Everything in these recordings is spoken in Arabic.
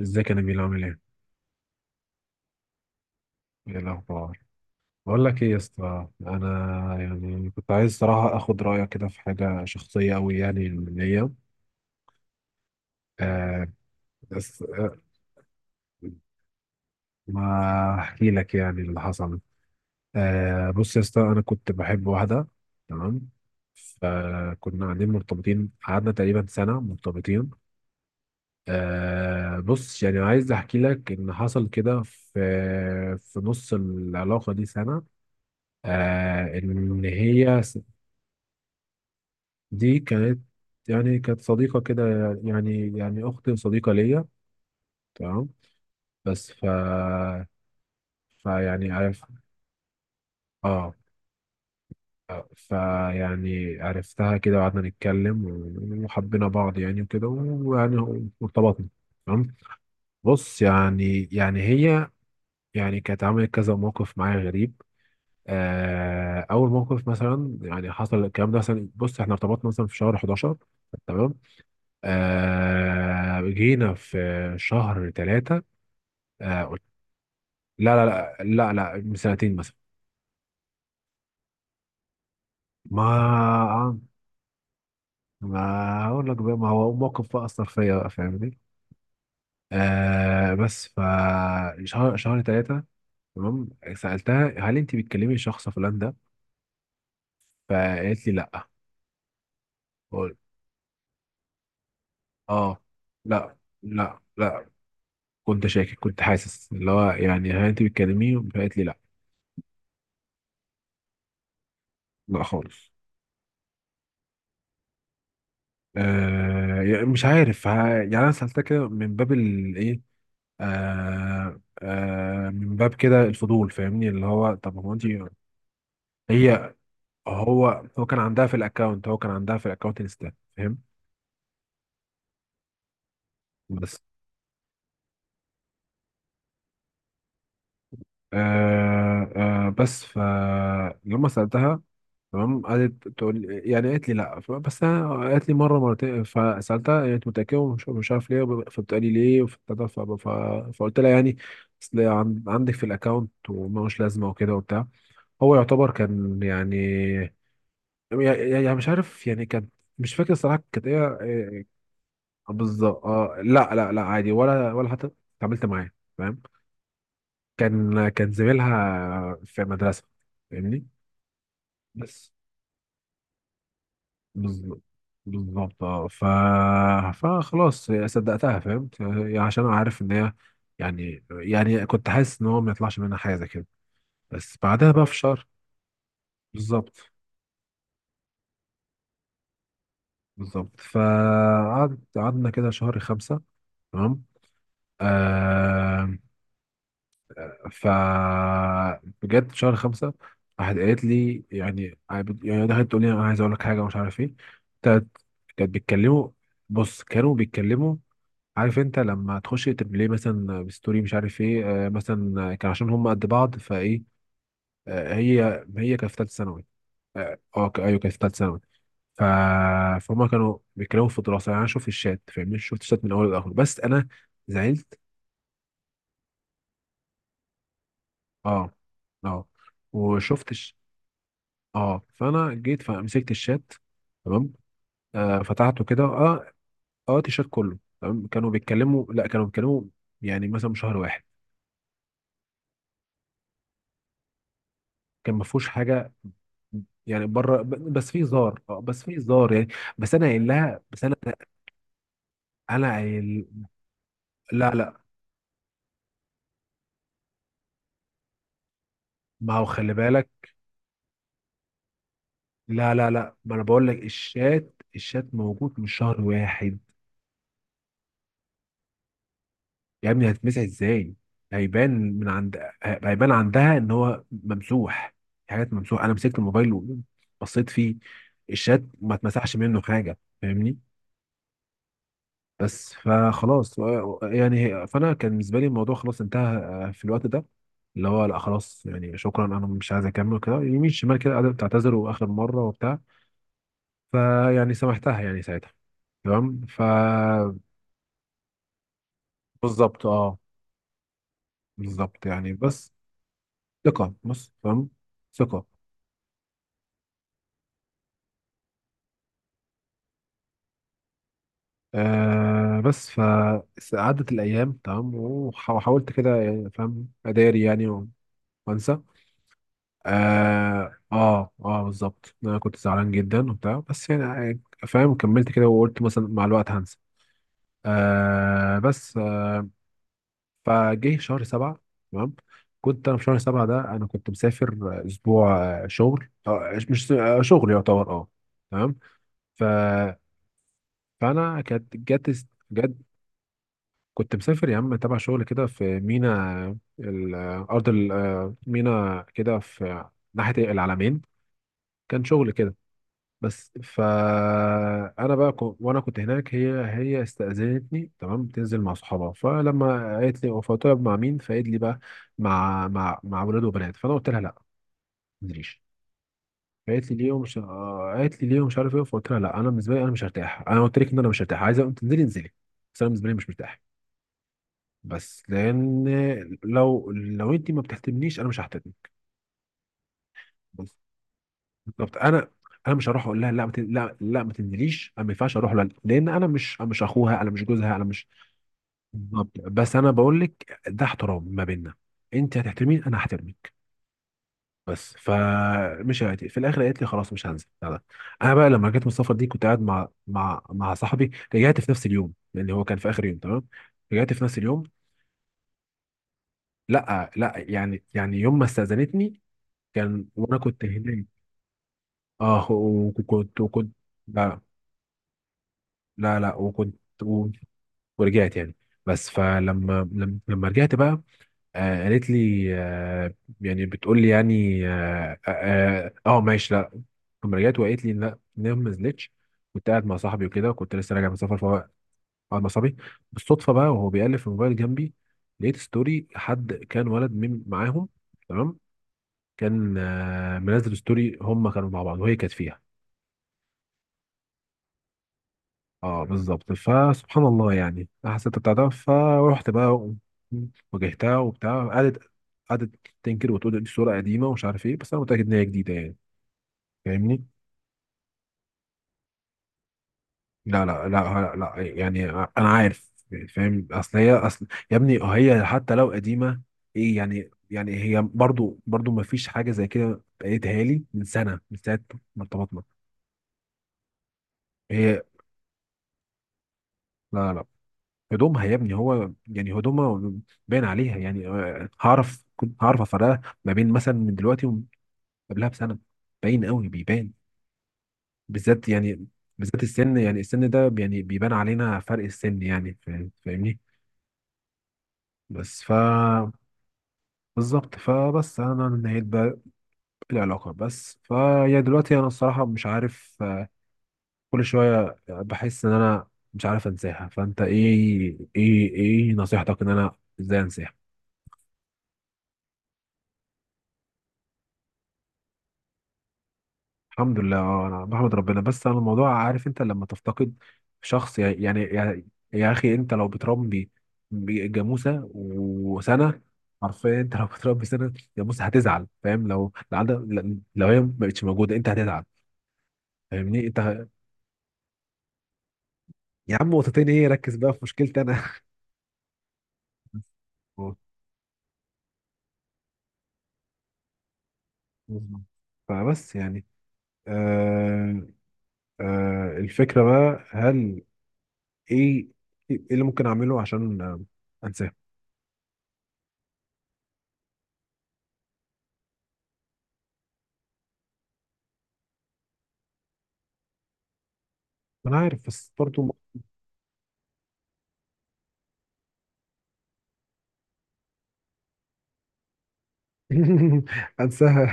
ازيك يا نبيل عامل ايه؟ ايه الاخبار؟ بقول لك ايه يا اسطى، انا يعني كنت عايز صراحه اخد رايك كده في حاجه شخصيه قوي يعني ليا. آه بس ما احكي لك يعني اللي حصل. آه، بص يا اسطى، انا كنت بحب واحده. تمام. فكنا قاعدين مرتبطين، قعدنا تقريبا سنه مرتبطين. آه، بص يعني عايز احكي لك ان حصل كده في نص العلاقه دي سنه. آه ان هي دي كانت يعني كانت صديقة كده، يعني أخت صديقة ليا. تمام. بس ف فيعني عرف اه، فيعني عرفتها كده وقعدنا نتكلم وحبينا بعض يعني وكده ويعني وارتبطنا. تمام. بص يعني يعني هي، يعني كانت عملت كذا موقف معايا غريب. آه، أول موقف مثلا يعني حصل الكلام ده، مثلا بص احنا ارتبطنا مثلا في شهر 11. تمام. آه، جينا في شهر ثلاثة. آه قلت- لا لا لا لا لا، من سنتين مثلا. ما ما اقول لك بقى، ما هو موقف بقى اثر فيا بقى، فاهمني؟ آه بس ف شهر ثلاثة. تمام. سألتها هل انت بتكلمي شخص فلان ده؟ فقالت لي لا. قلت اه، لا لا لا، كنت شاكك، كنت حاسس اللي هو يعني هل انت بتكلميه؟ فقالت لي لا. لا خالص. آه يعني مش عارف يعني انا سالتها كده من باب الايه، آه آه من باب كده الفضول، فاهمني اللي هو طب هو انت. هي. هو. هو كان عندها في الاكونت هو كان عندها في الاكونت انستا، فاهم؟ آه. آه بس ف يوم ما سألتها تمام، يعني قالت لي لا. بس انا قالت لي مره مرتين، فسالتها يعني انت متاكده؟ ومش مش عارف ليه فبتقالي ليه فقلت لها يعني اصل عندك في الاكونت وملوش لازمه وكده وبتاع. هو يعتبر كان يعني، يعني مش عارف يعني كان. مش فاكر الصراحه كانت ايه بالظبط. اه لا لا لا عادي، ولا ولا حتى اتعاملت معاه فاهم. كان زميلها في مدرسة، فاهمني؟ بس. بالظبط. بالظبط اه. فخلاص صدقتها، فاهم؟ عشان أنا عارف ان هي يعني، يعني كنت حاسس ان هو ما يطلعش منها حاجة زي كده. بس بعدها بقى في شهر. بالظبط. بالظبط. قعدنا كده شهر خمسة. تمام. آه. ف. بجد شهر خمسة راحت قالت لي يعني، يعني دخلت تقول لي انا عايز اقول لك حاجه ومش عارف ايه. كانت. كانت بيتكلموا. بص كانوا بيتكلموا. عارف انت لما تخش تبليه مثلا بستوري مش عارف ايه، آه مثلا كان عشان هم قد بعض فايه. آه، هي كانت في ثالثه ثانوي. اه آه، ايوه كانت في ثالثه ثانوي. ف... فهم كانوا بيتكلموا في الدراسه، يعني انا شفت الشات فاهمني، شفت الشات من اول لاخر. بس انا زعلت. اه. اه وشفتش. اه فانا جيت فمسكت الشات. تمام. آه فتحته كده، اه. اه الشات كله تمام، كانوا بيتكلموا. لا كانوا بيتكلموا يعني مثلا شهر واحد. كان ما فيهوش حاجه يعني، بره بس في هزار، آه، بس في هزار يعني. بس انا. انا قايل. لا لا. ما هو خلي بالك. لا لا لا، ما انا بقول لك الشات، الشات موجود من شهر واحد. يا ابني هتتمسح ازاي؟ هيبان. من عند هيبان عندها ان هو ممسوح، في حاجات ممسوح. انا مسكت الموبايل وبصيت فيه، الشات ما اتمسحش منه حاجه فاهمني. بس فخلاص يعني. فانا كان بالنسبه لي الموضوع خلاص انتهى، آه، في الوقت ده اللي هو لا خلاص يعني شكرا انا مش عايز اكمل كده يمين شمال، كده قاعده بتعتذر واخر مره وبتاع. فيعني سامحتها يعني ساعتها. تمام. ف. بالظبط اه. بالظبط يعني بس ثقه، بس تمام، ثقه. آه، بس فعدت الأيام تمام، وحاولت كده يعني فاهم أداري يعني وأنسى. آه بالظبط أنا كنت زعلان جدا وبتاع بس يعني آه، يعني فاهم كملت كده وقلت مثلا مع الوقت هنسى. آه بس آه، فجه شهر سبعة. تمام. كنت أنا في شهر سبعة ده أنا كنت مسافر، آه، أسبوع. آه، شغل، آه مش آه شغل يعتبر آه. تمام. ف. فأنا كانت جت. كنت مسافر يا عم تبع شغل كده في مينا الأرض، مينا كده في ناحية العلمين، كان شغل كده. بس فأنا بقى وأنا كنت هناك هي. هي استأذنتني، تمام، تنزل مع صحابها. فلما قالت لي فطلب مع مين؟ فقالت لي بقى مع مع ولاد وبنات. فأنا قلت لها لا، ما تنزليش. فقالت لي ليه ومش آه، قالت لي ليه ومش عارف ايه. فقلت لها لا، انا بالنسبه لي مش هرتاح، انا قلت لك ان انا مش هرتاح. عايزه تنزلي انزلي، بس انا بالنسبه لي مش مرتاح. بس لان لو انت ما بتهتمنيش انا مش ههتم. بس بالظبط. انا مش هروح اقول لها لا ما لا لا ما تنزليش. انا ما ينفعش اروح لها لان انا مش، أنا مش اخوها، انا مش جوزها، انا مش. بالظبط. بس انا بقول لك ده احترام ما بيننا، انت هتحترمين انا هحترمك. بس فمش في الاخر قالت لي خلاص مش هنزل لا لا. انا بقى لما رجعت من السفر دي كنت قاعد مع مع صاحبي. رجعت في نفس اليوم لان هو كان في اخر يوم تمام. رجعت في نفس اليوم. لا لا، يعني يعني يوم ما استاذنتني كان وانا كنت هناك. اه وكنت. لا لا لا وكنت. و- ورجعت يعني. بس فلما لما رجعت بقى. آه قالت لي آه يعني بتقول لي يعني اه، آه، آه آه، ماشي لا. لما رجعت وقالت لي لا إن هي ما نزلتش. كنت قاعد مع صاحبي وكده وكنت لسه راجع من سفر. فهو قاعد مع صاحبي بالصدفه بقى، وهو بيقلب في الموبايل جنبي، لقيت ستوري حد كان، ولد من معاهم تمام، كان آه منزل ستوري هم كانوا مع بعض وهي كانت فيها. اه بالظبط. فسبحان الله، يعني أنا حسيت بتاع ده. فروحت بقى واجهتها وبتاع. قعدت تنكر وتقول دي صورة قديمة ومش عارف ايه. بس انا متأكد ان هي جديدة يعني فاهمني. لا لا لا. لا، لا يعني انا عارف فاهم. اصل هي اصل يا ابني هي حتى لو قديمة ايه يعني؟ يعني هي برضو ما فيش حاجة زي كده بقيتها لي من سنة، من ساعة ما ارتبطنا. هي. لا لا. هدومها يا ابني هو يعني هدومها باين عليها، يعني آه، هعرف، كنت هعرف افرقها ما بين مثلا من دلوقتي ومن قبلها بسنه. باين قوي بيبان، بالذات يعني، بالذات السن، يعني السن ده يعني بيبان علينا فرق السن يعني فاهمني. بس ف. بالظبط. فبس انا نهيت بقى العلاقه. بس فيا دلوقتي انا الصراحه مش عارف، آه، كل شويه بحس ان انا مش عارف انساها. فانت ايه ايه ايه نصيحتك ان انا ازاي انساها؟ الحمد لله اه انا بحمد ربنا. بس انا الموضوع عارف انت لما تفتقد شخص، يعني يعني يا اخي انت لو بتربي جاموسه وسنه، حرفيا انت لو بتربي سنه جاموسه هتزعل، فاهم؟ لو لو عندك، لو هي ما بقتش موجوده انت هتزعل فاهمني؟ انت. يا عم نقطتين ايه، ركز بقى في مشكلتي انا. فبس يعني. آه. آه الفكره بقى، هل ايه ايه اللي ممكن اعمله عشان آه، انساه؟ انا عارف بس برضه. انساها.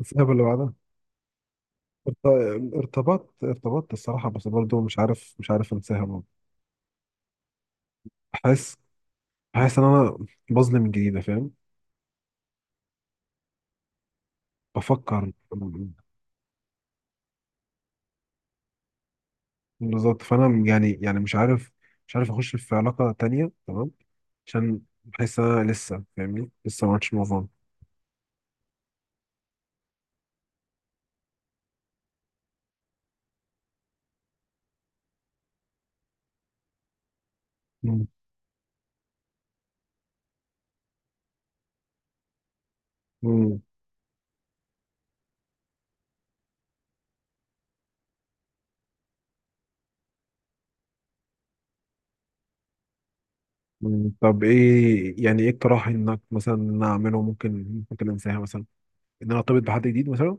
انساها باللي بعدها. ارت- ارتبطت الصراحة بس برضه مش عارف، مش عارف انساها برضه. حاسس، حاسس ان انا بظلم من جديدة فاهم؟ بفكر. بالظبط. فانا يعني يعني مش عارف، مش عارف اخش في علاقة تانية تمام، عشان بحس ان انا لسه فاهمني لسه ما عملتش موف اون. مم. مم. مم. طب ايه يعني ايه اقتراح انك مثلا إن أنا اعمله ممكن ممكن انساها مثلا، ان انا ارتبط بحد جديد مثلا؟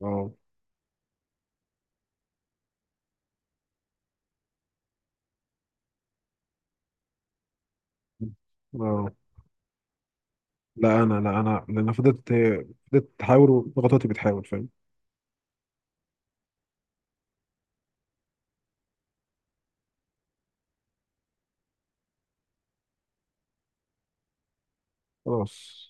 اه اه. لا انا لان فضلت. فضلت تحاول وضغطاتي بتحاول، فاهم؟ خلاص.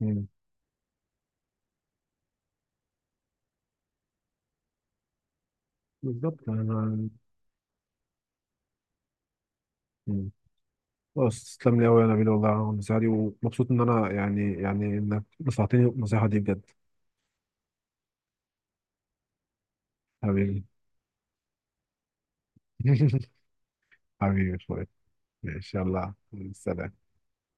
مم. بالظبط انا. مم. خلاص. تسلم لي قوي يا نبيل والله على النصيحه دي، ومبسوط ان انا يعني، يعني انك نصحتني النصيحه دي بجد. حبيبي. حبيبي يا اخويا. ماشي يلا. سلام.